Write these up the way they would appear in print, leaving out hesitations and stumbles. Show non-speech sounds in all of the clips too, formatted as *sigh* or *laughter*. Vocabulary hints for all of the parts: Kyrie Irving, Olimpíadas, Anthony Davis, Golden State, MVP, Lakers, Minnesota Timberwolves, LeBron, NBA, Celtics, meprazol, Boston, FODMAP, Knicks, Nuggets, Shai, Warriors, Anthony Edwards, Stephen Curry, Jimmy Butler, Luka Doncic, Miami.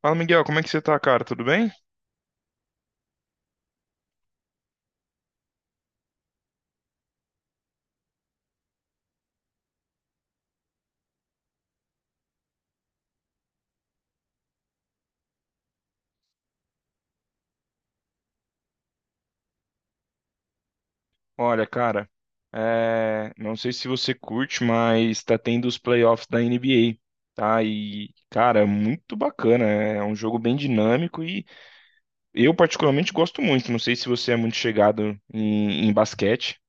Fala, Miguel, como é que você tá, cara? Tudo bem? Olha, cara, não sei se você curte, mas tá tendo os playoffs da NBA, tá? E, cara, é muito bacana. É um jogo bem dinâmico e eu particularmente gosto muito. Não sei se você é muito chegado em basquete.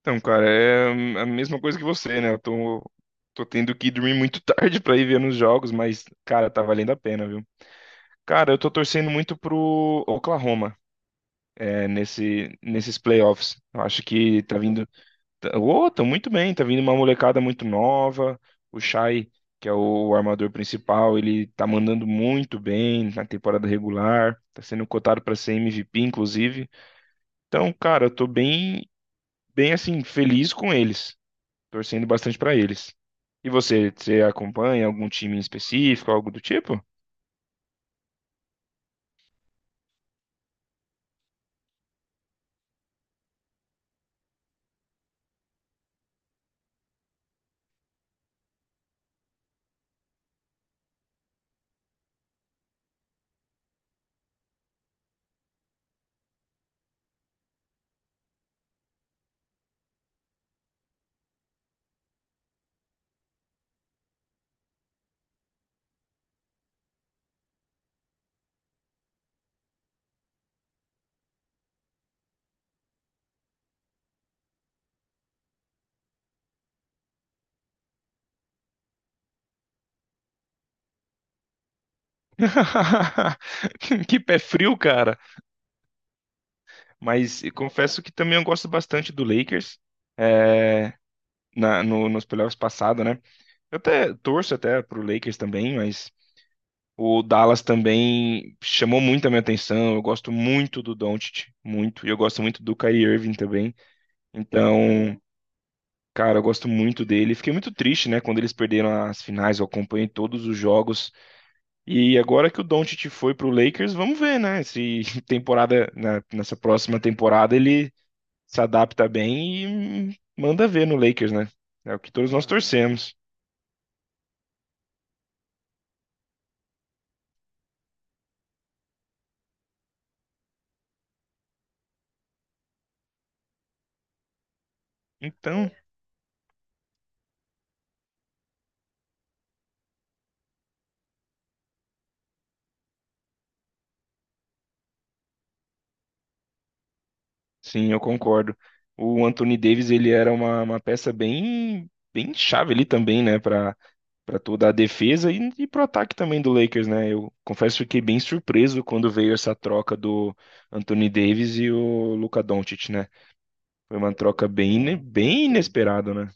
Então, cara, é a mesma coisa que você, né? Eu tô tendo que dormir muito tarde *laughs* pra ir ver nos jogos, mas, cara, tá valendo a pena, viu? Cara, eu tô torcendo muito pro Oklahoma, nesses playoffs. Eu acho que tá vindo. Tá, oh, tá muito bem, tá vindo uma molecada muito nova. O Shai, que é o armador principal, ele tá mandando muito bem na temporada regular. Tá sendo cotado para ser MVP, inclusive. Então, cara, eu tô bem assim, feliz com eles. Torcendo bastante para eles. E você acompanha algum time em específico, algo do tipo? *laughs* Que pé frio, cara. Mas e confesso que também eu gosto bastante do Lakers. É, na, no- Nos playoffs passado, né? Eu até torço até pro Lakers também, mas o Dallas também chamou muito a minha atenção. Eu gosto muito do Doncic, muito. E eu gosto muito do Kyrie Irving também. Então, cara, eu gosto muito dele. Fiquei muito triste, né? Quando eles perderam as finais, eu acompanhei todos os jogos. E agora que o Doncic foi pro Lakers, vamos ver, né? Se *laughs* nessa próxima temporada, ele se adapta bem e manda ver no Lakers, né? É o que todos nós torcemos. Então, sim, eu concordo. O Anthony Davis, ele era uma peça bem chave ali também, né, para para toda a defesa e para o ataque também do Lakers, né? Eu confesso que fiquei bem surpreso quando veio essa troca do Anthony Davis e o Luka Doncic, né? Foi uma troca é, bem inesperada, né?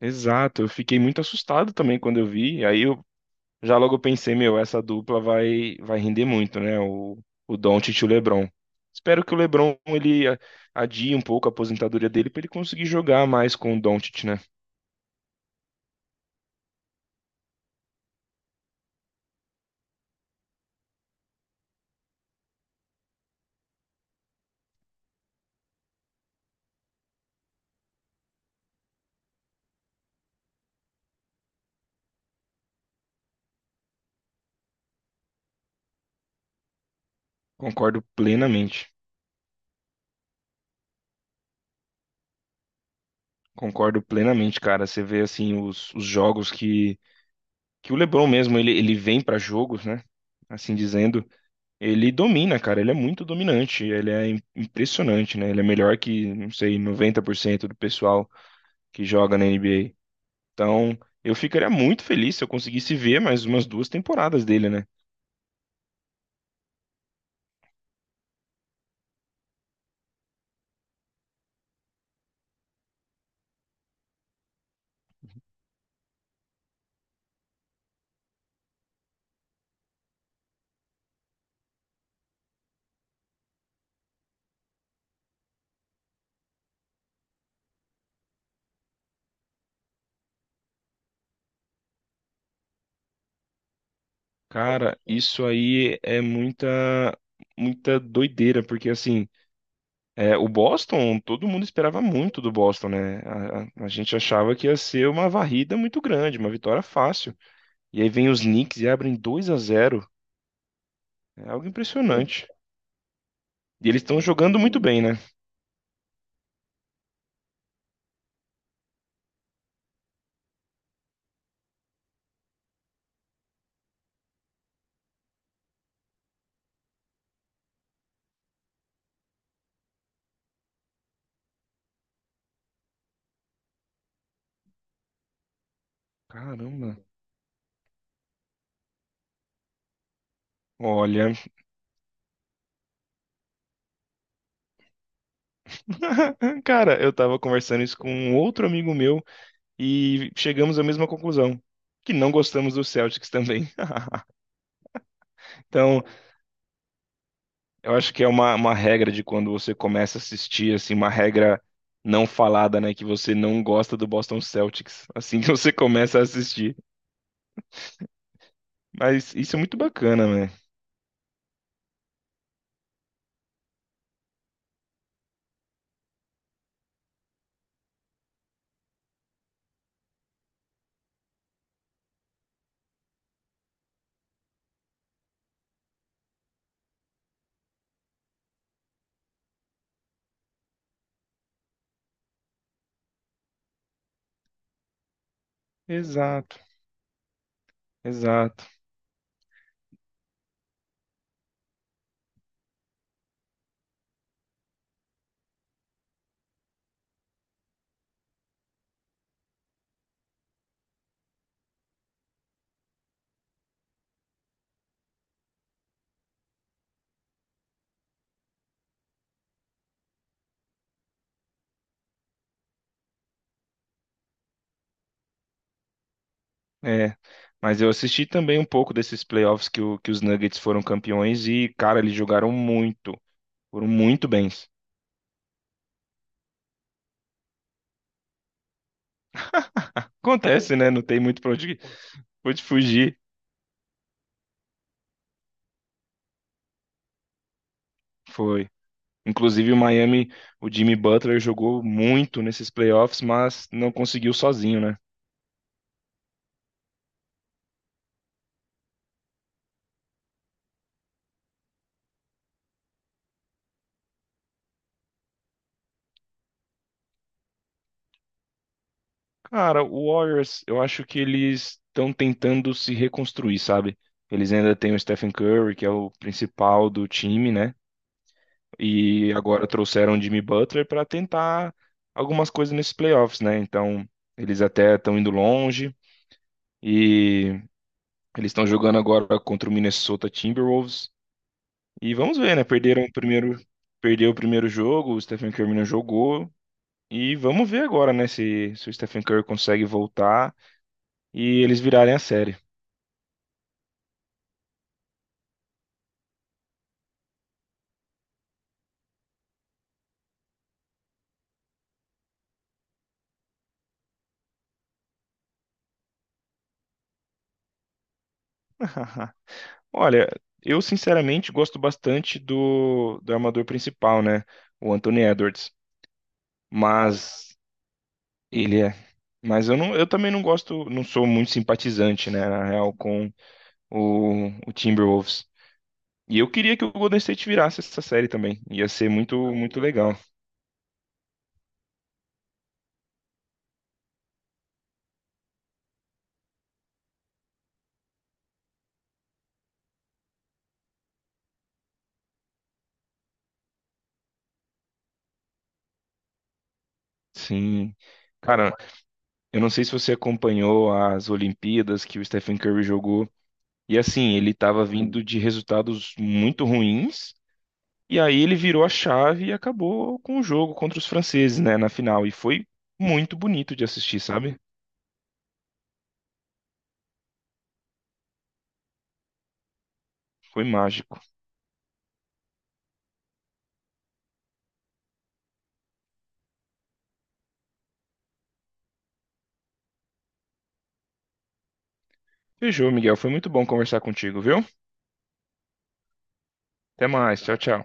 Exato, eu fiquei muito assustado também quando eu vi. Aí Já logo eu pensei, meu, essa dupla vai render muito, né? O Doncic e o LeBron. Espero que o LeBron ele adie um pouco a aposentadoria dele para ele conseguir jogar mais com o Doncic, né? Concordo plenamente. Concordo plenamente, cara. Você vê assim os jogos que o LeBron mesmo ele vem para jogos, né? Assim dizendo, ele domina, cara. Ele é muito dominante, impressionante, né? Ele é melhor que, não sei, 90% do pessoal que joga na NBA. Então, eu ficaria muito feliz se eu conseguisse ver mais umas duas temporadas dele, né? Cara, isso aí é muita doideira, porque assim, é, o Boston, todo mundo esperava muito do Boston, né? A gente achava que ia ser uma varrida muito grande, uma vitória fácil. E aí vem os Knicks e abrem 2 a zero. É algo impressionante. E eles estão jogando muito bem, né? Caramba. Olha, *laughs* cara, eu tava conversando isso com um outro amigo meu. E chegamos à mesma conclusão, que não gostamos do Celtics também. *laughs* Então, eu acho que é uma regra de quando você começa a assistir, assim, uma regra não falada, né, que você não gosta do Boston Celtics, assim que você começa a assistir. Mas isso é muito bacana, né? Exato, exato. É. Mas eu assisti também um pouco desses playoffs que, que os Nuggets foram campeões e, cara, eles jogaram muito, foram muito bem. Acontece, né? Não tem muito pra onde, *laughs* pra onde fugir. Foi. Inclusive, o Miami, o Jimmy Butler jogou muito nesses playoffs, mas não conseguiu sozinho, né? Cara, o Warriors, eu acho que eles estão tentando se reconstruir, sabe? Eles ainda têm o Stephen Curry, que é o principal do time, né? E agora trouxeram o Jimmy Butler para tentar algumas coisas nesses playoffs, né? Então, eles até estão indo longe e eles estão jogando agora contra o Minnesota Timberwolves. E vamos ver, né? Perderam o primeiro, perdeu o primeiro jogo, o Stephen Curry não jogou. E vamos ver agora, né, se o Stephen Curry consegue voltar e eles virarem a série. *laughs* Olha, eu sinceramente gosto bastante do armador principal, né? O Anthony Edwards. Mas ele é. Mas eu, não, eu também não gosto, não sou muito simpatizante, né, na real, com o Timberwolves. E eu queria que o Golden State virasse essa série também. Ia ser muito, muito legal. Sim. Cara, eu não sei se você acompanhou as Olimpíadas que o Stephen Curry jogou. E assim, ele estava vindo de resultados muito ruins. E aí ele virou a chave e acabou com o jogo contra os franceses, né, na final. E foi muito bonito de assistir, sabe? Foi mágico. Fechou, Miguel. Foi muito bom conversar contigo, viu? Até mais. Tchau, tchau.